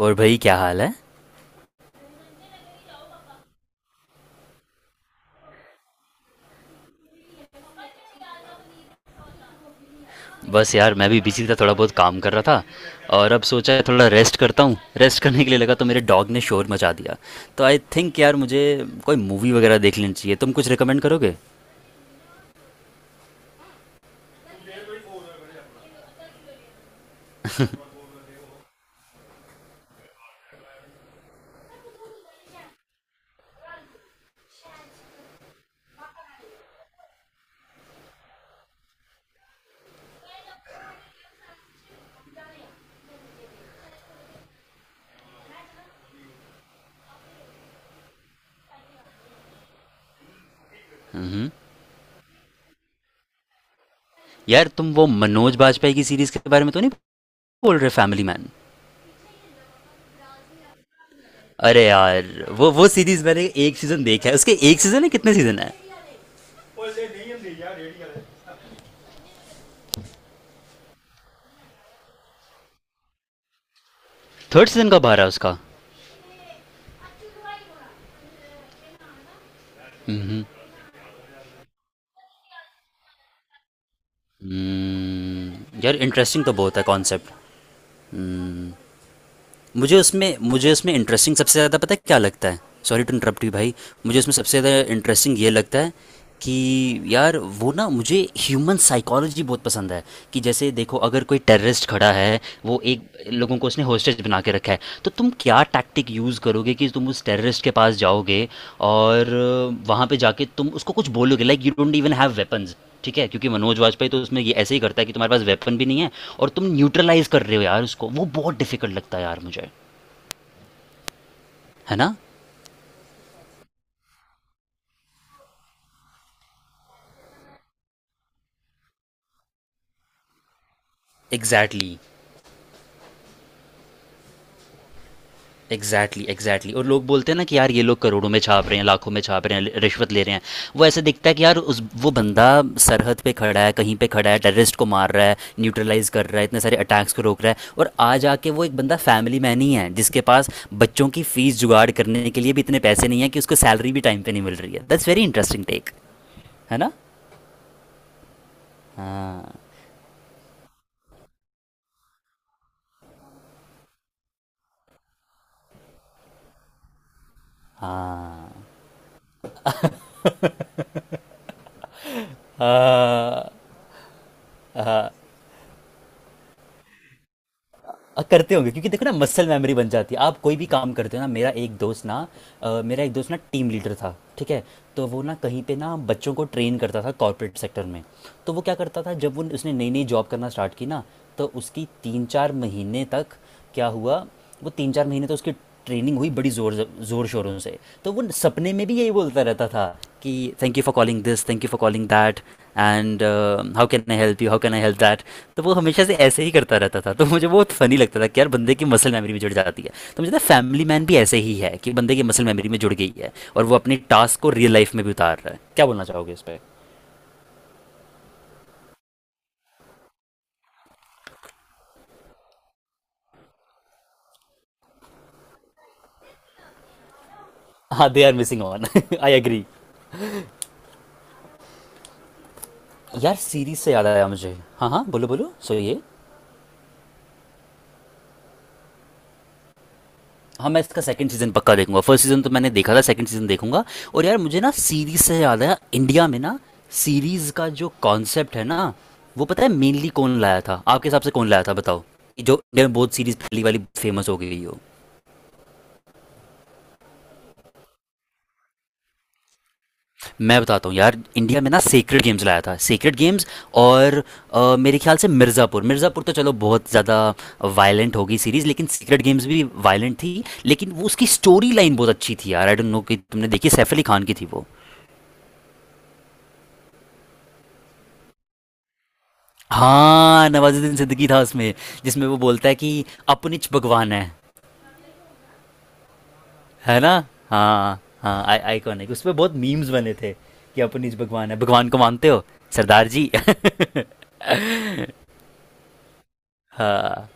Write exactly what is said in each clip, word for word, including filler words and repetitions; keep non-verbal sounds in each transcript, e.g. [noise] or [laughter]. और भाई क्या हाल है? बस यार मैं भी बिजी था, थोड़ा बहुत काम कर रहा था और अब सोचा है थोड़ा रेस्ट करता हूँ। रेस्ट करने के लिए लगा तो मेरे डॉग ने शोर मचा दिया। तो आई थिंक यार मुझे कोई मूवी वगैरह देख लेनी चाहिए, तुम कुछ रिकमेंड करोगे? हम्म। यार तुम वो मनोज बाजपेयी की सीरीज के बारे में तो नहीं बोल रहे, फैमिली मैन? अरे यार, वो वो सीरीज मैंने एक सीजन देखा है, उसके एक सीजन है, कितने सीजन है? थर्ड सीजन कब आ रहा है उसका? हम्म, हम्म। यार इंटरेस्टिंग तो बहुत है कॉन्सेप्ट। मुझे उसमें मुझे उसमें इंटरेस्टिंग सबसे ज़्यादा पता है क्या लगता है? सॉरी टू इंटरप्ट यू भाई। मुझे उसमें सबसे ज़्यादा इंटरेस्टिंग ये लगता है कि यार वो ना मुझे ह्यूमन साइकोलॉजी बहुत पसंद है। कि जैसे देखो अगर कोई टेररिस्ट खड़ा है, वो एक लोगों को उसने होस्टेज बना के रखा है है, तो तुम क्या टैक्टिक यूज़ करोगे कि तुम उस टेररिस्ट के पास जाओगे और वहाँ पे जाके तुम उसको कुछ बोलोगे like you don't even have weapons. ठीक है क्योंकि मनोज वाजपेयी तो उसमें ये ऐसे ही करता है कि तुम्हारे पास वेपन भी नहीं है और तुम न्यूट्रलाइज कर रहे हो यार उसको, वो बहुत डिफिकल्ट लगता है यार मुझे, है ना। Exactly exactly। Exactly exactly, exactly exactly। और लोग बोलते हैं ना कि यार ये लोग करोड़ों में छाप रहे हैं, लाखों में छाप रहे हैं, रिश्वत ले रहे हैं। वो ऐसे दिखता है कि यार उस वो बंदा सरहद पे खड़ा है, कहीं पे खड़ा है, टेररिस्ट को मार रहा है, न्यूट्रलाइज कर रहा है, इतने सारे अटैक्स को रोक रहा है और आ जाके वो एक बंदा फैमिली मैन ही है जिसके पास बच्चों की फीस जुगाड़ करने के लिए भी इतने पैसे नहीं है, कि उसको सैलरी भी टाइम पर नहीं मिल रही है। दैट्स वेरी इंटरेस्टिंग टेक, है ना। हाँ, हाँ, हाँ, हाँ। अ, करते होंगे क्योंकि देखो ना मसल मेमोरी बन जाती है, आप कोई भी काम करते हो ना। मेरा एक दोस्त ना अ, मेरा एक दोस्त ना टीम लीडर था, ठीक है। तो वो ना कहीं पे ना बच्चों को ट्रेन करता था कॉर्पोरेट सेक्टर में। तो वो क्या करता था जब वो उसने नई नई जॉब करना स्टार्ट की ना, तो उसकी तीन चार महीने तक क्या हुआ? वो तीन चार महीने तो उसकी ट्रेनिंग हुई बड़ी जोर, जोर शोरों से। तो वो सपने में भी यही बोलता रहता था कि thank you for calling this, thank you for calling that, and how can I help you, how can I help that. तो वो हमेशा से ऐसे ही करता रहता था तो मुझे बहुत फनी लगता था कि यार बंदे की मसल मेमोरी में जुड़ जाती है। तो मुझे लगता है फैमिली मैन भी ऐसे ही है कि बंदे की मसल मेमोरी में जुड़ गई है और वो अपने टास्क को रियल लाइफ में भी उतार रहा है। क्या बोलना चाहोगे इस पर? हाँ, they are missing on. I agree. [laughs] यार सीरीज से याद आया मुझे, हाँ हाँ बोलो बोलो, सो ये। हाँ मैं इसका सेकंड सीजन पक्का देखूंगा, फर्स्ट सीजन तो मैंने देखा था, सेकंड सीजन देखूंगा। और यार मुझे ना सीरीज से याद है, इंडिया में ना सीरीज का जो कॉन्सेप्ट है ना, वो पता है मेनली कौन लाया था आपके हिसाब से कौन लाया था बताओ। जो इंडिया में बहुत सीरीज पहली वाली फेमस हो गई हो। मैं बताता हूँ यार, इंडिया में ना सेक्रेड गेम्स लाया था, सेक्रेड गेम्स। और अ, मेरे ख्याल से मिर्ज़ापुर, मिर्ज़ापुर तो चलो बहुत ज़्यादा वायलेंट होगी सीरीज, लेकिन सीक्रेट गेम्स भी वायलेंट थी, लेकिन वो उसकी स्टोरी लाइन बहुत अच्छी थी यार। आई डोंट नो कि तुमने देखी, सैफ अली खान की थी वो। हाँ नवाजुद्दीन सिद्दीकी था उसमें, जिसमें वो बोलता है कि अपनिच भगवान है है ना। हाँ हाँ आई आइकॉनिक, उस पर बहुत मीम्स बने थे कि अपनिच भगवान है, भगवान को मानते हो सरदार जी। [laughs] हाँ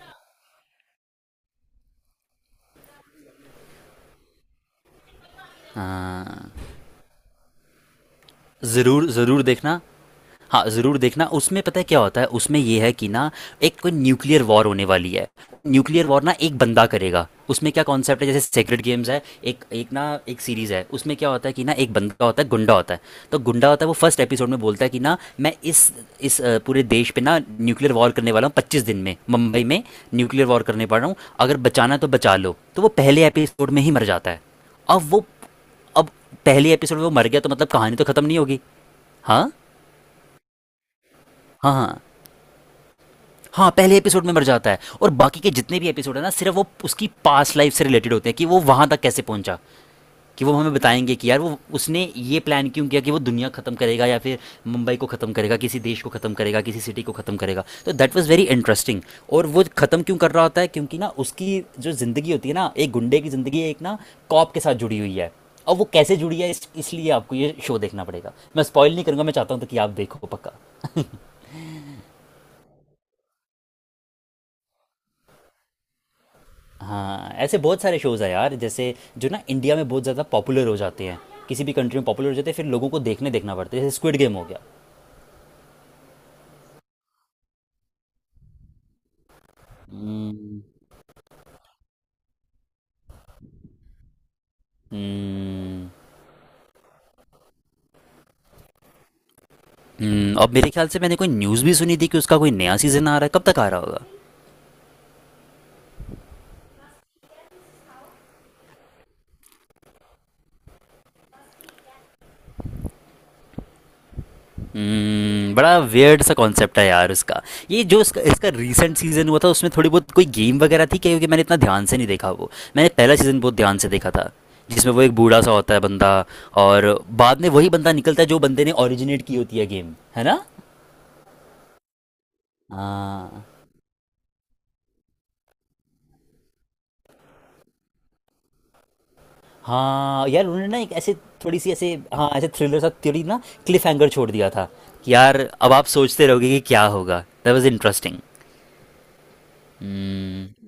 हाँ ज़रूर ज़रूर देखना। हाँ ज़रूर देखना, उसमें पता है क्या होता है, उसमें ये है कि ना एक कोई न्यूक्लियर वॉर होने वाली है, न्यूक्लियर वॉर ना एक बंदा करेगा, उसमें क्या कॉन्सेप्ट है जैसे सेक्रेट गेम्स है। एक एक ना एक सीरीज़ है, उसमें क्या होता है कि ना एक बंदा होता है गुंडा होता है। तो गुंडा होता है वो फर्स्ट एपिसोड में बोलता है कि ना मैं इस इस अ, पूरे देश पे ना न्यूक्लियर वॉर करने वाला हूँ, पच्चीस दिन में मुंबई में न्यूक्लियर वॉर करने पड़ रहा हूँ, अगर बचाना तो बचा लो। तो वो पहले एपिसोड में ही मर जाता है। अब वो अब पहले एपिसोड में वो मर गया तो मतलब कहानी तो खत्म नहीं होगी। हाँ, हाँ, हाँ, हाँ पहले एपिसोड में मर जाता है और बाकी के जितने भी एपिसोड है ना सिर्फ वो उसकी पास्ट लाइफ से रिलेटेड होते हैं कि वो वहां तक कैसे पहुंचा। कि वो हमें बताएंगे कि यार वो उसने ये प्लान क्यों किया कि वो दुनिया ख़त्म करेगा या फिर मुंबई को ख़त्म करेगा, किसी देश को ख़त्म करेगा, किसी सिटी को ख़त्म करेगा। तो दैट वाज़ वेरी इंटरेस्टिंग। और वो ख़त्म क्यों कर रहा होता है क्योंकि ना उसकी जो ज़िंदगी होती है ना, एक गुंडे की ज़िंदगी एक ना कॉप के साथ जुड़ी हुई है। और वो कैसे जुड़ी है, इस, इसलिए आपको ये शो देखना पड़ेगा, मैं स्पॉइल नहीं करूँगा, मैं चाहता हूँ तो कि आप देखो पक्का। हाँ ऐसे बहुत सारे शोज़ हैं यार जैसे जो ना इंडिया में बहुत ज़्यादा पॉपुलर हो जाते हैं, किसी भी कंट्री में पॉपुलर हो जाते हैं, फिर लोगों को देखने देखना पड़ता है, जैसे स्क्विड गेम हो गया। Hmm। हम्म, हम्म, और मेरे ख्याल से मैंने कोई न्यूज़ भी सुनी थी कि उसका कोई नया सीज़न आ रहा है, कब तक आ रहा होगा? हम्म, बड़ा वियर्ड सा कॉन्सेप्ट है यार उसका। ये जो इसका इसका रीसेंट सीज़न हुआ था, उसमें थोड़ी बहुत कोई गेम वगैरह थी क्या, क्योंकि मैंने इतना ध्यान से नहीं देखा वो। मैंने पहला सीज़न बहुत ध्यान से देखा था, जिसमें वो एक बूढ़ा सा होता है बंदा, और बाद में वही बंदा निकलता है जो बंदे ने ओरिजिनेट की होती है गेम, है ना। हाँ हाँ यार उन्होंने ना एक ऐसे थोड़ी सी ऐसे, हाँ ऐसे थ्रिलर सा थ्योरी ना, क्लिफ हैंगर छोड़ दिया था कि यार अब आप सोचते रहोगे कि क्या होगा। That was interesting.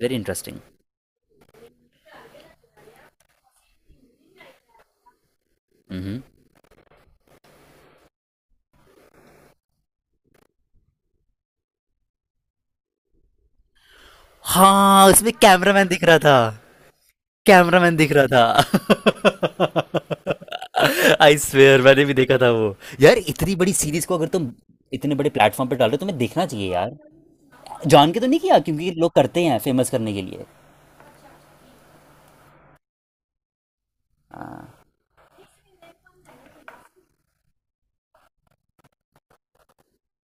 Very interesting. हम्म, हाँ उसमें कैमरामैन दिख रहा था। कैमरामैन दिख रहा था। [laughs] आई स्वेयर मैंने भी देखा था वो। यार इतनी बड़ी सीरीज को अगर तुम इतने बड़े प्लेटफॉर्म पे डाल रहे हो, तुम्हें देखना चाहिए यार। जान के तो नहीं किया क्योंकि लोग करते हैं फेमस करने के लिए।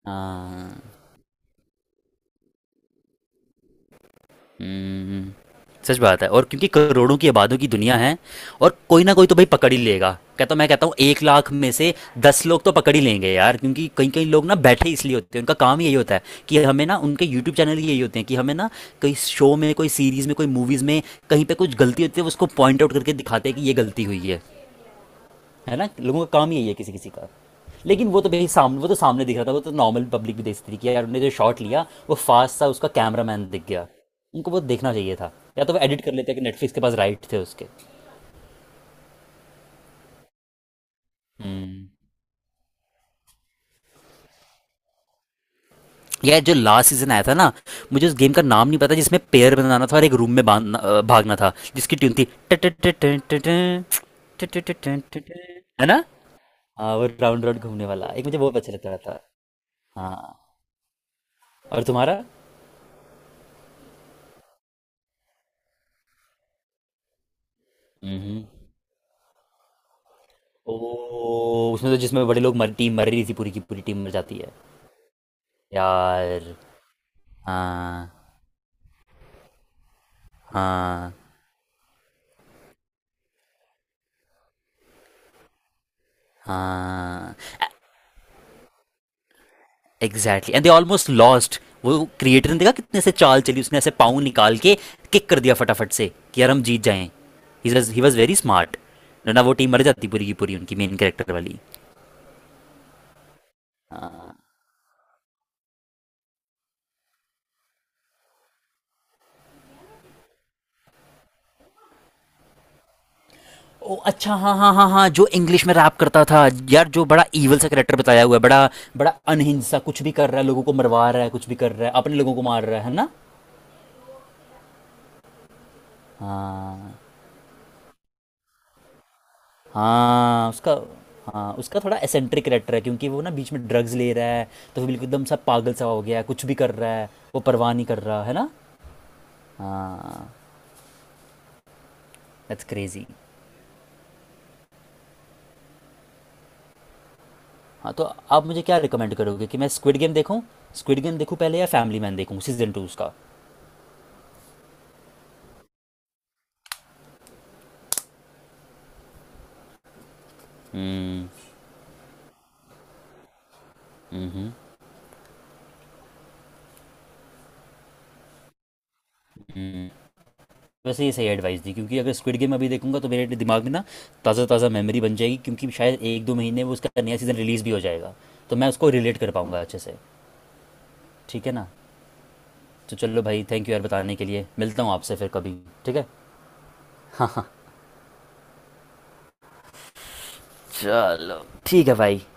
हाँ, हम्म, सच बात है, और क्योंकि करोड़ों की आबादों की दुनिया है, और कोई ना कोई तो भाई पकड़ ही लेगा। कहता मैं कहता हूँ एक लाख में से दस लोग तो पकड़ ही लेंगे यार। क्योंकि कई कई लोग ना बैठे इसलिए होते हैं, उनका काम ही यही होता है कि हमें ना उनके यूट्यूब चैनल ही यही होते हैं कि हमें ना कोई शो में कोई सीरीज में कोई मूवीज में कहीं पे कुछ गलती होती है उसको पॉइंट आउट करके दिखाते हैं कि ये गलती हुई है है ना। लोगों का काम ही यही है, किसी किसी का। लेकिन वो तो भाई सामने, वो तो सामने दिख रहा था, वो तो नॉर्मल पब्लिक भी देख सकती थी कि यार उन्होंने जो शॉट लिया वो फास्ट था, उसका कैमरामैन दिख गया। उनको वो देखना चाहिए था, या तो वो एडिट कर लेते, कि नेटफ्लिक्स के पास राइट थे उसके। हम्म, यार जो लास्ट सीजन आया था ना, मुझे उस गेम का नाम नहीं पता, जिसमें पेयर बनाना था और एक रूम में बांधना अ, भागना था, जिसकी ट्यून थी, है ना। हाँ वो राउंड राउंड घूमने वाला एक मुझे बहुत अच्छा लगता था। हाँ, और तुम्हारा? हम्म, ओ उसमें तो जिसमें बड़े लोग मर टीम मर रही थी, पूरी की पूरी टीम मर जाती है। यार, हाँ, हाँ, हाँ exactly and they almost lost. वो क्रिएटर ने देखा कितने से चाल चली, उसने ऐसे पाँव निकाल के किक कर दिया फटाफट से कि यार हम जीत जाएं। He was he was very smart. ना वो टीम मर जाती पूरी की पूरी उनकी मेन कैरेक्टर वाली। ओ अच्छा, हाँ, हाँ, हाँ, हाँ जो इंग्लिश में रैप करता था। यार जो बड़ा ईवल सा करेक्टर बताया हुआ है, बड़ा बड़ा अनहिंस सा कुछ भी कर रहा है, लोगों को मरवा रहा है, कुछ भी कर रहा है, अपने लोगों को मार रहा है है ना। हाँ, हाँ उसका। हाँ उसका थोड़ा एसेंट्रिक करेक्टर है क्योंकि वो ना बीच में ड्रग्स ले रहा है, तो फिर बिल्कुल एकदम सा पागल सा हो गया है, कुछ भी कर रहा है, वो परवाह नहीं कर रहा है ना। हाँ, दैट्स क्रेजी। हाँ तो आप मुझे क्या रिकमेंड करोगे कि मैं स्क्विड गेम देखूं, स्क्विड गेम देखूं पहले या फैमिली मैन देखूं सीजन टू उसका? हम्म, हम्म, हम्म, वैसे ये सही एडवाइस दी, क्योंकि अगर स्क्विड गेम अभी देखूंगा तो मेरे दिमाग में ना ताज़ा ताज़ा मेमोरी बन जाएगी, क्योंकि शायद एक दो महीने में उसका नया सीज़न रिलीज़ भी हो जाएगा। तो मैं उसको रिलेट कर पाऊंगा अच्छे से, ठीक है ना। तो चलो भाई थैंक यू यार बताने के लिए, मिलता हूँ आपसे फिर कभी। ठीक है, हाँ, हाँ, चलो ठीक है भाई।